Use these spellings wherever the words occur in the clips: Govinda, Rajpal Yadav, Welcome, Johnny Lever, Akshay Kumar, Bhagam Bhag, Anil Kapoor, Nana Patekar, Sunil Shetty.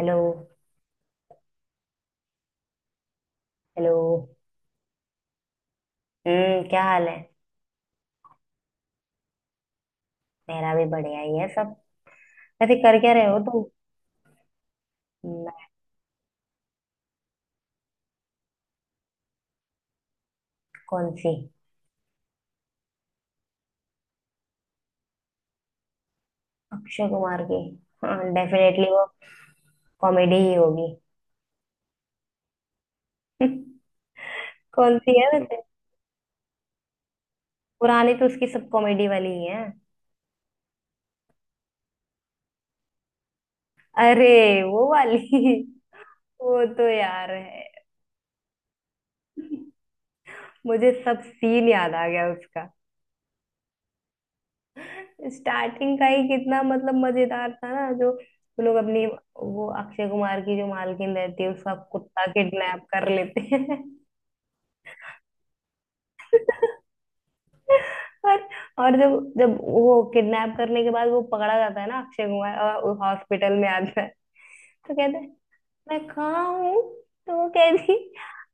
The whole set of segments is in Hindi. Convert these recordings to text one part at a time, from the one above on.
हेलो। हेलो। हम्म, क्या हाल है? मेरा भी बढ़िया ही है सब। वैसे कर क्या रहे हो तुम? मैं? कौन सी? अक्षय कुमार की? हाँ, डेफिनेटली वो कॉमेडी ही होगी। कौन सी है वैसे? पुरानी तो उसकी सब कॉमेडी वाली ही है। अरे वो वाली। वो तो यार है, मुझे सब सीन याद आ गया उसका। स्टार्टिंग का ही कितना मतलब मजेदार था ना, जो वो लोग अपनी, वो अक्षय कुमार की जो मालकिन रहती है उसका कुत्ता किडनैप कर लेते हैं। और और जब जब वो किडनैप करने के बाद वो पकड़ा जाता है ना अक्षय कुमार, और हॉस्पिटल में आता है तो कहते हैं, मैं कहाँ हूँ? तो वो कहती,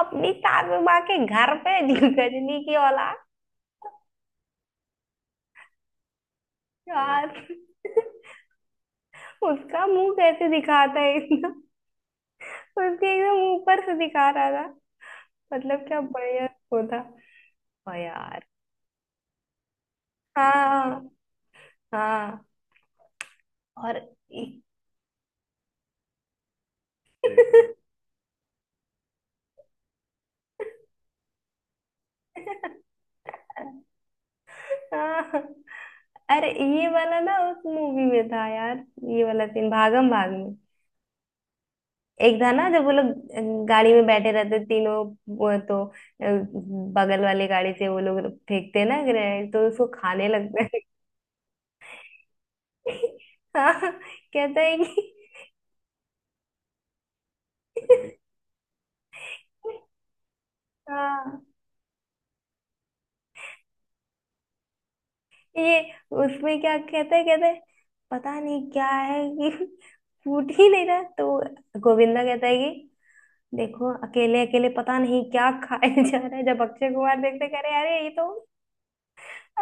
अपनी काबू माँ के घर पे गजनी की औलाद। यार। उसका मुंह कैसे दिखाता है इतना, तो उसके एकदम ऊपर से दिखा रहा था। मतलब क्या बढ़िया वो था। ओ यार। हाँ, हाँ। और देखो। हाँ। अरे ये वाला ना उस मूवी में था यार, ये वाला सीन भागम भाग में। एक था ना जब वो लोग गाड़ी में बैठे रहते तीनों, वो तो बगल वाले गाड़ी से वो लोग फेंकते हैं ना ग्रेनेड, तो उसको खाने लगता है। हाँ, कहता है कि, हाँ। ये उसमें क्या कहते हैं, पता नहीं क्या है कि फूट ही नहीं रहा, तो गोविंदा कहता है कि देखो, अकेले अकेले पता नहीं क्या खाए जा रहा है। जब अक्षय कुमार देखते कह रहे, अरे ये तो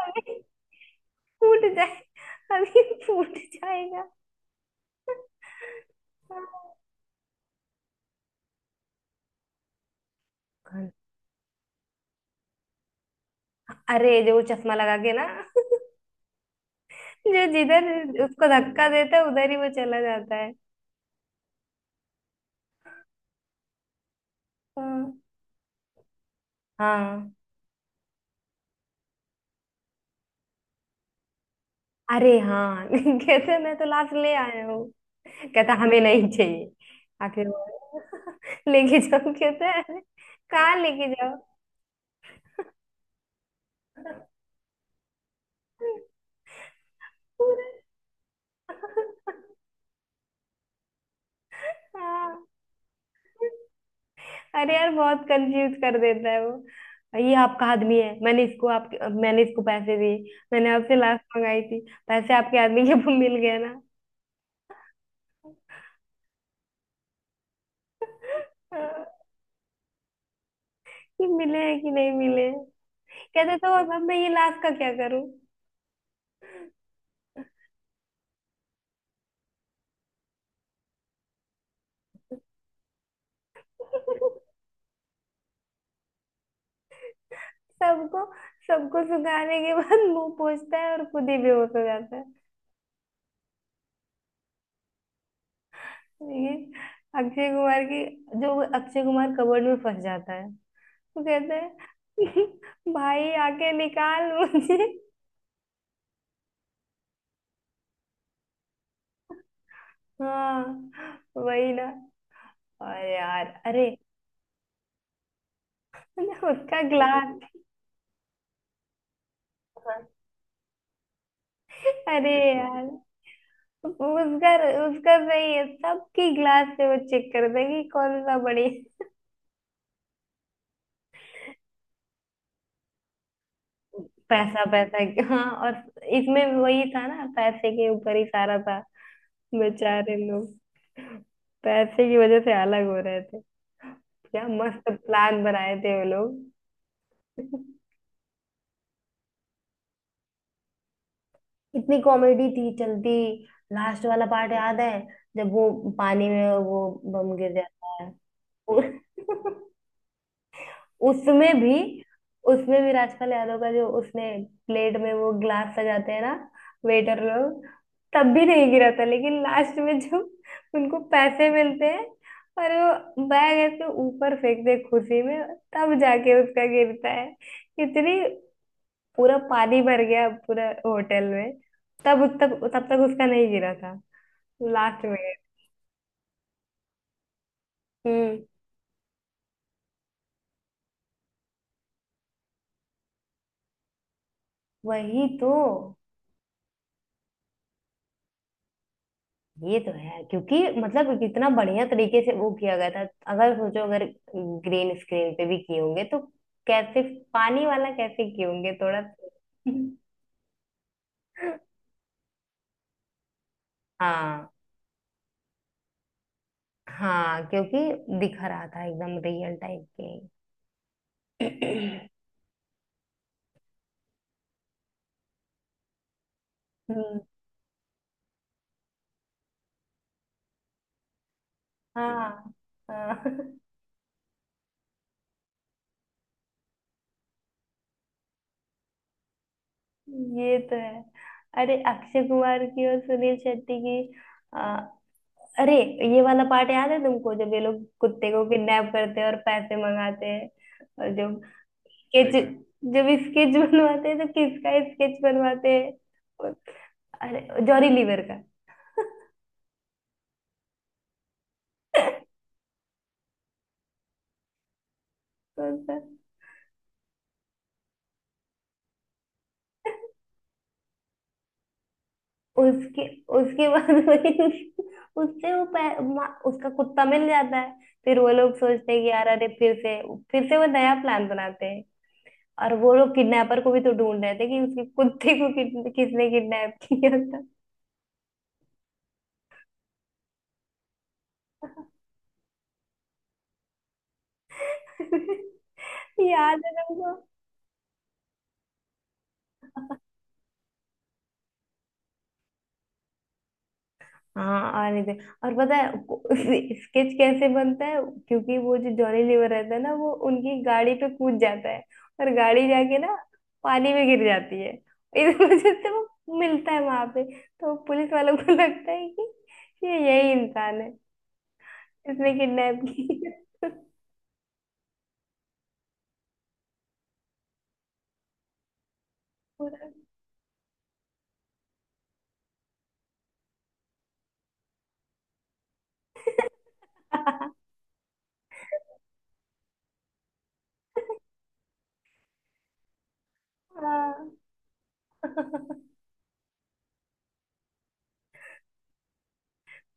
अभी फूट जाए, अभी फूट जाएगा। अरे जो वो चश्मा लगा के ना, जो जिधर उसको धक्का देता है उधर ही वो चला जाता है। हाँ, हाँ। अरे हाँ। कहते, मैं तो लास्ट ले आया हूँ। कहता, हमें नहीं चाहिए। आखिर वो लेके जाओ, कहता है, "अरे, कहाँ लेके जाओ?" हाँ। अरे यार बहुत कंफ्यूज कर देता है वो, ये आपका आदमी है, मैंने इसको पैसे दिए, मैंने आपसे लास्ट मंगाई थी, पैसे आपके आदमी के वो मिल गए ना? हाँ, कि मिले हैं कि नहीं मिले। कहते तो अब मैं ये लास्ट का क्या करूं? सबको सबको सुखाने के बाद मुंह पोछता है और खुद ही बेहोश हो जाता है। ये अक्षय कुमार की, जो अक्षय कुमार कबर्ड में फंस जाता है वो कहता है, भाई आके निकाल मुझे। हाँ, वही ना। और यार, अरे उसका ग्लास। अरे यार उसका उसका सही है, सबकी ग्लास से वो चेक करते हैं कि कौन सा बड़ी। पैसा पैसा, हाँ। और इसमें वही था ना, पैसे के ऊपर ही सारा था। बेचारे लोग पैसे की वजह से अलग हो रहे थे। क्या मस्त प्लान बनाए थे वो लोग। इतनी कॉमेडी थी चलती। लास्ट वाला पार्ट याद है, जब वो पानी में वो बम गिर जाता है। उसमें भी उसमें भी राजपाल यादव का, जो उसने प्लेट में वो ग्लास सजाते हैं ना वेटर लोग, तब भी नहीं गिरा था। लेकिन लास्ट में जब उनको पैसे मिलते हैं और वो बैग ऐसे ऊपर फेंकते हैं खुशी में, तब जाके उसका गिरता है। इतनी, पूरा पानी भर गया पूरा होटल में। तब तब तब तक उसका नहीं गिरा था, लास्ट में। हम्म, वही तो। ये तो है, क्योंकि मतलब कितना बढ़िया तरीके से वो किया गया था। अगर सोचो, अगर ग्रीन स्क्रीन पे भी किए होंगे तो कैसे पानी वाला कैसे किए होंगे थोड़ा। हाँ, हाँ, क्योंकि दिख रहा था एकदम रियल टाइप के। हम्म, हाँ, हाँ। ये तो है। अरे अक्षय कुमार की और सुनील शेट्टी की आ, अरे ये वाला पार्ट याद है तुमको, जब ये लोग कुत्ते को किडनैप करते हैं और पैसे मंगाते हैं? और जो स्केच, लेकिन जब स्केच बनवाते हैं तो किसका स्केच बनवाते हैं? उस- अरे जॉरी लीवर का, तो उसके उसके बाद उससे वो उसका कुत्ता मिल जाता है। फिर वो लोग सोचते हैं कि यार, अरे फिर से, वो नया प्लान बनाते हैं। और वो लोग किडनैपर को भी तो ढूंढ रहे थे कि उसके कुत्ते को किसने किडनैप किया था। याद है तुमको? हाँ, और नहीं तो- और पता है स्केच कैसे बनता है? क्योंकि वो जो जॉनी लीवर रहता है ना, वो उनकी गाड़ी पे कूद जाता है, और गाड़ी जाके ना पानी में गिर जाती है, इस वजह से वो मिलता है वहां पे, तो पुलिस वालों को लगता है कि ये यही इंसान है, इसने किडनैप किया। पूरा- हाँ।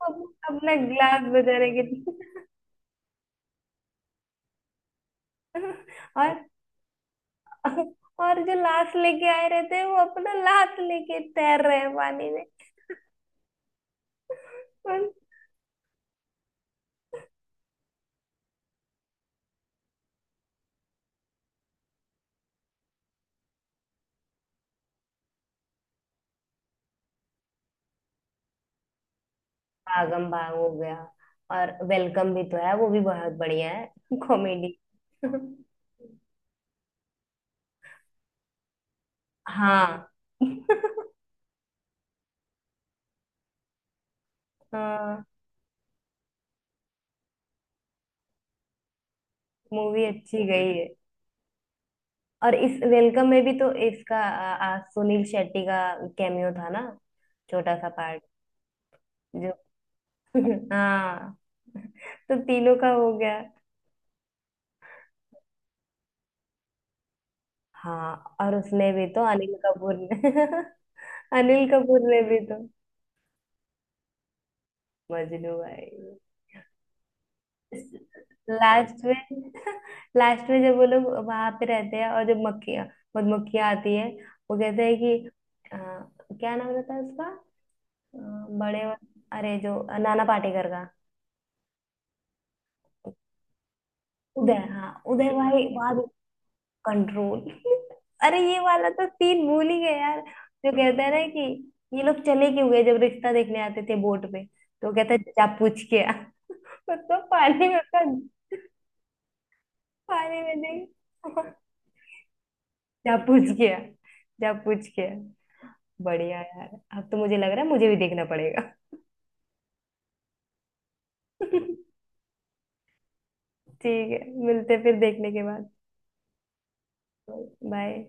अब अपना ग्लास बजा रहे कितने? और और जो लाश लेके आए रहते हैं, वो अपना लाश लेके तैर रहे हैं पानी में। भागम भाग हो गया, और वेलकम भी तो है, वो भी बहुत बढ़िया है कॉमेडी। हाँ, हाँ। मूवी अच्छी गई है। और इस वेलकम में भी तो इसका आ, आ, सुनील शेट्टी का कैमियो था ना, छोटा सा पार्ट, जो हाँ। तो तीनों का हो गया। हाँ, और उसमें भी तो अनिल कपूर ने अनिल कपूर ने भी तो, मजनू भाई। लास्ट में लास्ट में जब वो लोग वहां पे रहते हैं और जब मक्खियाँ, मधुमक्खियाँ आती है, वो कहते हैं कि, अ, क्या नाम रहता है उसका? अ, बड़े वाले- अरे जो नाना पाटेकर का। उदय, हाँ उदय भाई वहां। कंट्रोल। अरे ये वाला तो सीन भूल ही गए यार, जो कहता है ना कि ये लोग चले क्यों गए? जब रिश्ता देखने आते थे बोट पे, तो कहता है जा पूछ के आ। उसको पानी में उसका, पानी में देख। जा पूछ के आ, जा पूछ के आ। बढ़िया यार। अब तो मुझे लग रहा है मुझे भी देखना पड़ेगा। ठीक है, मिलते हैं फिर देखने के बाद। बाय।